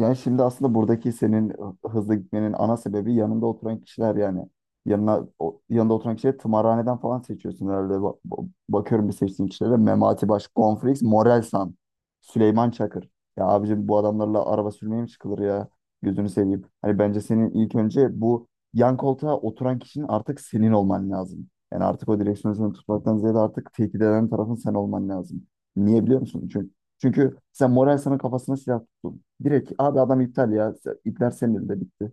Yani şimdi aslında buradaki senin hızlı gitmenin ana sebebi yanında oturan kişiler yani. Yanına, yanında oturan kişileri tımarhaneden falan seçiyorsun herhalde. Bakıyorum bir seçtiğin kişilere. Memati Baş, Gonfrix, Morelsan, Süleyman Çakır. Ya abicim bu adamlarla araba sürmeye mi çıkılır ya? Gözünü seveyim. Hani bence senin ilk önce bu yan koltuğa oturan kişinin artık senin olman lazım. Yani artık o direksiyonu sen tutmaktan ziyade artık tehdit eden tarafın sen olman lazım. Niye biliyor musun? Çünkü sen Morelsan'ın kafasına silah tuttun. Direkt abi adam iptal ya. İpler senin elinde bitti.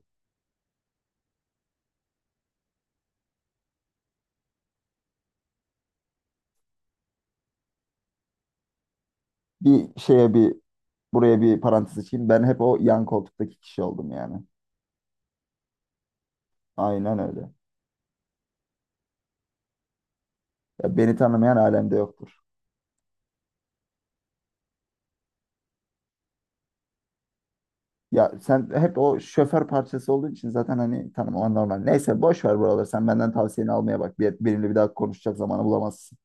Bir şeye bir buraya bir parantez açayım. Ben hep o yan koltuktaki kişi oldum yani. Aynen öyle. Ya beni tanımayan alemde yoktur. Ya sen hep o şoför parçası olduğun için zaten hani tanımaman normal. Neyse boş ver buraları. Sen benden tavsiyeni almaya bak. Bir, benimle bir daha konuşacak zamanı bulamazsın.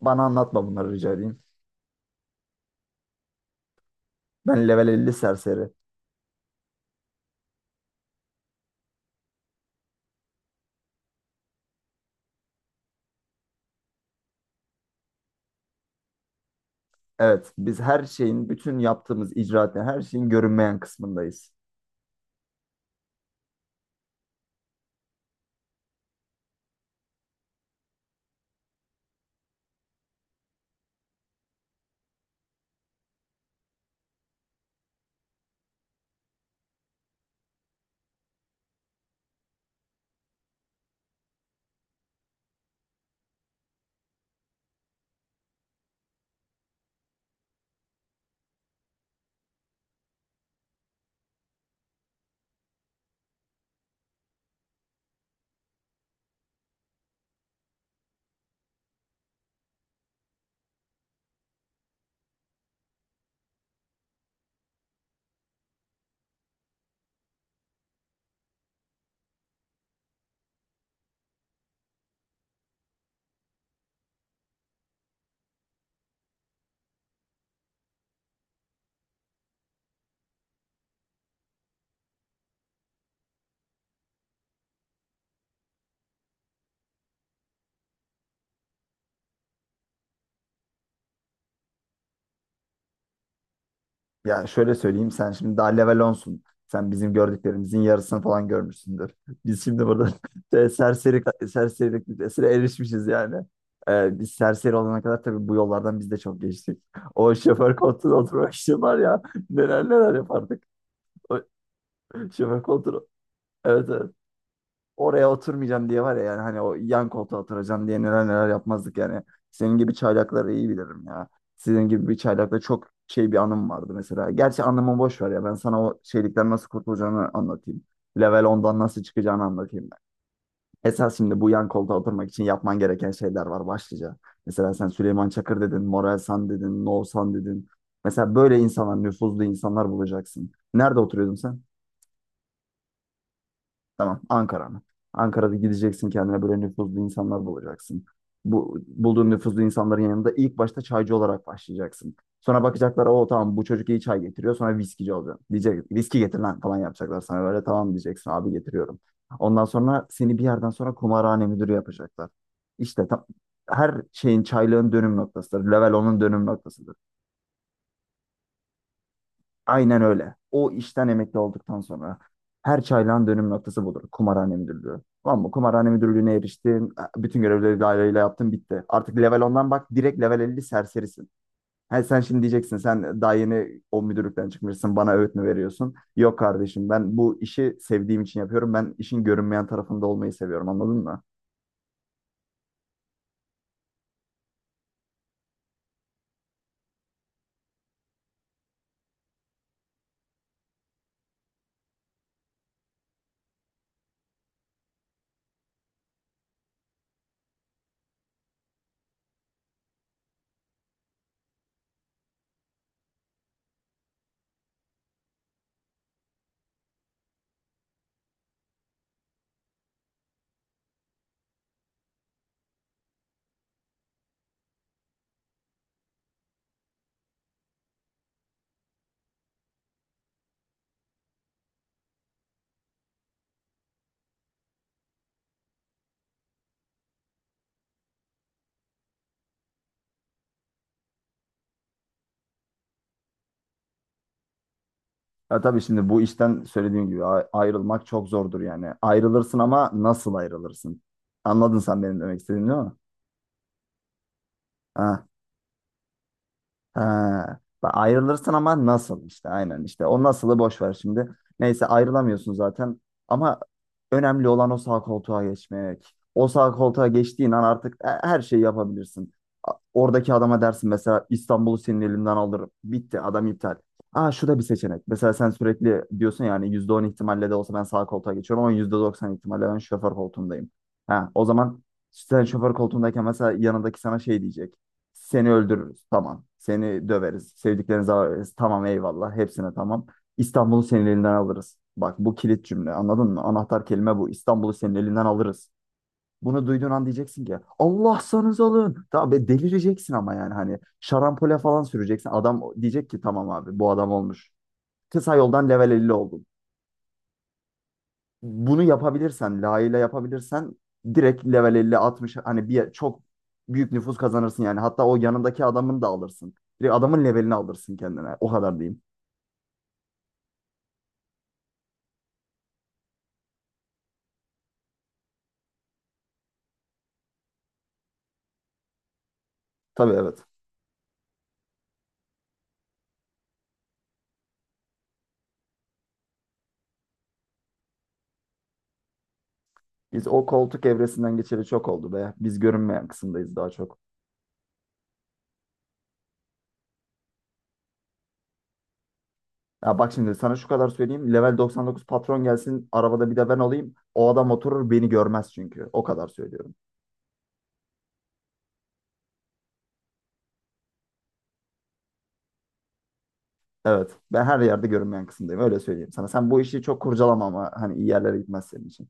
Bana anlatma bunları rica edeyim. Ben level elli serseri. Evet, biz her şeyin, bütün yaptığımız icraatın, her şeyin görünmeyen kısmındayız. Yani şöyle söyleyeyim, sen şimdi daha level onsun. Sen bizim gördüklerimizin yarısını falan görmüşsündür. Biz şimdi burada e, serseri serserilik listesine erişmişiz yani. Biz serseri olana kadar tabii bu yollardan biz de çok geçtik. O şoför koltuğuna oturmak için var ya, neler neler yapardık. O şoför koltuğu, evet evet, oraya oturmayacağım diye var ya, yani hani o yan koltuğa oturacağım diye neler neler yapmazdık yani. Senin gibi çaylakları iyi bilirim ya. Sizin gibi bir çaylakla çok şey bir anım vardı mesela. Gerçi anımı boş ver, ya ben sana o şeylikten nasıl kurtulacağını anlatayım. Level 10'dan nasıl çıkacağını anlatayım ben. Esas şimdi bu yan koltuğa oturmak için yapman gereken şeyler var başlıca. Mesela sen Süleyman Çakır dedin, Moral San dedin, No San dedin. Mesela böyle insanlar, nüfuzlu insanlar bulacaksın. Nerede oturuyordun sen? Tamam, Ankara mı? Ankara'da gideceksin, kendine böyle nüfuzlu insanlar bulacaksın. Bu bulduğun nüfuzlu insanların yanında ilk başta çaycı olarak başlayacaksın. Sonra bakacaklar o, tamam bu çocuk iyi çay getiriyor, sonra viskici olacaksın. Diyecek viski getir lan falan, yapacaklar sana böyle, tamam diyeceksin abi getiriyorum. Ondan sonra seni bir yerden sonra kumarhane müdürü yapacaklar. İşte tam, her şeyin, çaylığın dönüm noktasıdır. Level onun dönüm noktasıdır. Aynen öyle. O işten emekli olduktan sonra her çaylağın dönüm noktası budur. Kumarhane müdürlüğü. Tamam mı? Kumarhane müdürlüğüne eriştin. Bütün görevleri daireyle yaptın bitti. Artık level ondan bak direkt level 50 serserisin. Ha, sen şimdi diyeceksin sen daha yeni o müdürlükten çıkmışsın bana öğüt mü veriyorsun? Yok kardeşim, ben bu işi sevdiğim için yapıyorum. Ben işin görünmeyen tarafında olmayı seviyorum, anladın mı? Ya tabii şimdi bu işten söylediğim gibi ayrılmak çok zordur yani. Ayrılırsın ama nasıl ayrılırsın? Anladın sen benim demek istediğimi değil mi? Ha, ha, bak ayrılırsın ama nasıl, işte aynen işte o nasılı boş ver şimdi. Neyse ayrılamıyorsun zaten, ama önemli olan o sağ koltuğa geçmek. O sağ koltuğa geçtiğin an artık her şeyi yapabilirsin. Oradaki adama dersin mesela İstanbul'u senin elimden alırım. Bitti adam iptal. Aa şu da bir seçenek. Mesela sen sürekli diyorsun yani %10 ihtimalle de olsa ben sağ koltuğa geçiyorum ama %90 ihtimalle ben şoför koltuğundayım. Ha, o zaman sen şoför koltuğundayken mesela yanındaki sana şey diyecek. Seni öldürürüz. Tamam. Seni döveriz. Sevdiklerinizi alırız. Tamam eyvallah. Hepsine tamam. İstanbul'u senin elinden alırız. Bak bu kilit cümle, anladın mı? Anahtar kelime bu. İstanbul'u senin elinden alırız. Bunu duyduğun an diyeceksin ki Allah'sanız alın. Tabii delireceksin ama yani hani şarampole falan süreceksin. Adam diyecek ki tamam abi bu adam olmuş. Kısa yoldan level 50 oldun. Bunu yapabilirsen, layığıyla yapabilirsen direkt level 50 60, hani bir çok büyük nüfus kazanırsın yani. Hatta o yanındaki adamın da alırsın. Direkt adamın levelini alırsın kendine. O kadar diyeyim. Tabii evet. Biz o koltuk evresinden geçeli çok oldu be. Biz görünmeyen kısımdayız daha çok. Ya bak şimdi sana şu kadar söyleyeyim. Level 99 patron gelsin, arabada bir de ben olayım. O adam oturur beni görmez çünkü. O kadar söylüyorum. Evet. Ben her yerde görünmeyen kısımdayım. Öyle söyleyeyim sana. Sen bu işi çok kurcalama ama hani iyi yerlere gitmez senin için.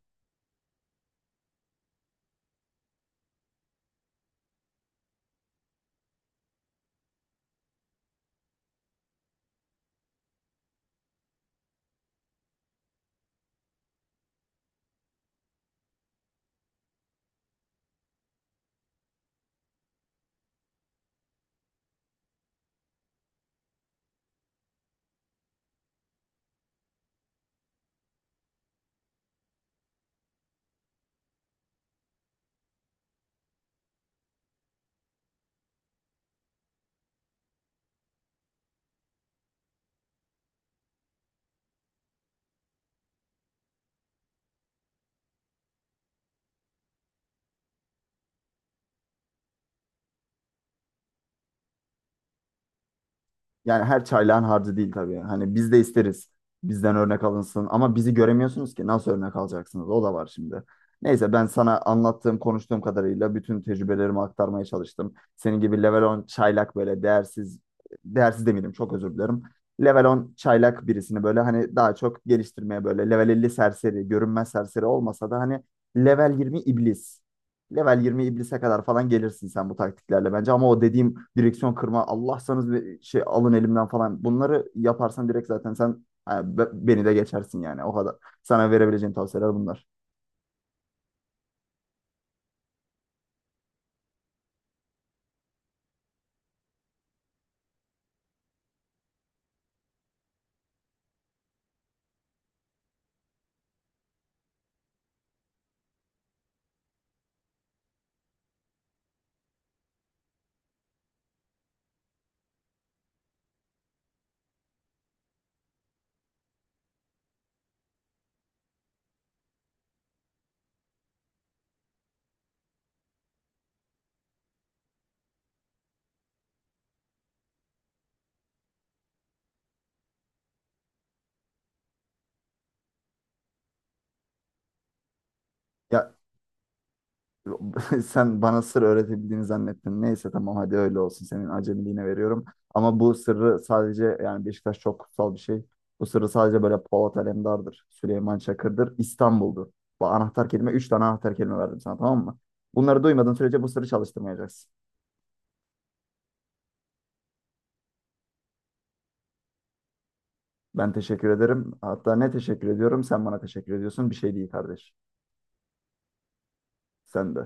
Yani her çaylağın harcı değil tabii. Hani biz de isteriz. Bizden örnek alınsın. Ama bizi göremiyorsunuz ki. Nasıl örnek alacaksınız? O da var şimdi. Neyse ben sana anlattığım, konuştuğum kadarıyla bütün tecrübelerimi aktarmaya çalıştım. Senin gibi level 10 çaylak böyle değersiz, değersiz demeyelim, çok özür dilerim. Level 10 çaylak birisini böyle hani daha çok geliştirmeye, böyle level 50 serseri, görünmez serseri olmasa da hani level 20 iblis level 20 iblise kadar falan gelirsin sen bu taktiklerle bence. Ama o dediğim direksiyon kırma Allah'sanız bir şey alın elimden falan. Bunları yaparsan direkt zaten sen, ha, beni de geçersin yani o kadar. Sana verebileceğim tavsiyeler bunlar. Ya sen bana sır öğretebildiğini zannettin. Neyse tamam hadi öyle olsun. Senin acemiliğine veriyorum. Ama bu sırrı sadece, yani Beşiktaş çok kutsal bir şey. Bu sırrı sadece böyle Polat Alemdar'dır. Süleyman Çakır'dır. İstanbul'dur. Bu anahtar kelime. Üç tane anahtar kelime verdim sana, tamam mı? Bunları duymadığın sürece bu sırrı çalıştırmayacaksın. Ben teşekkür ederim. Hatta ne teşekkür ediyorum? Sen bana teşekkür ediyorsun. Bir şey değil kardeş. Sen de.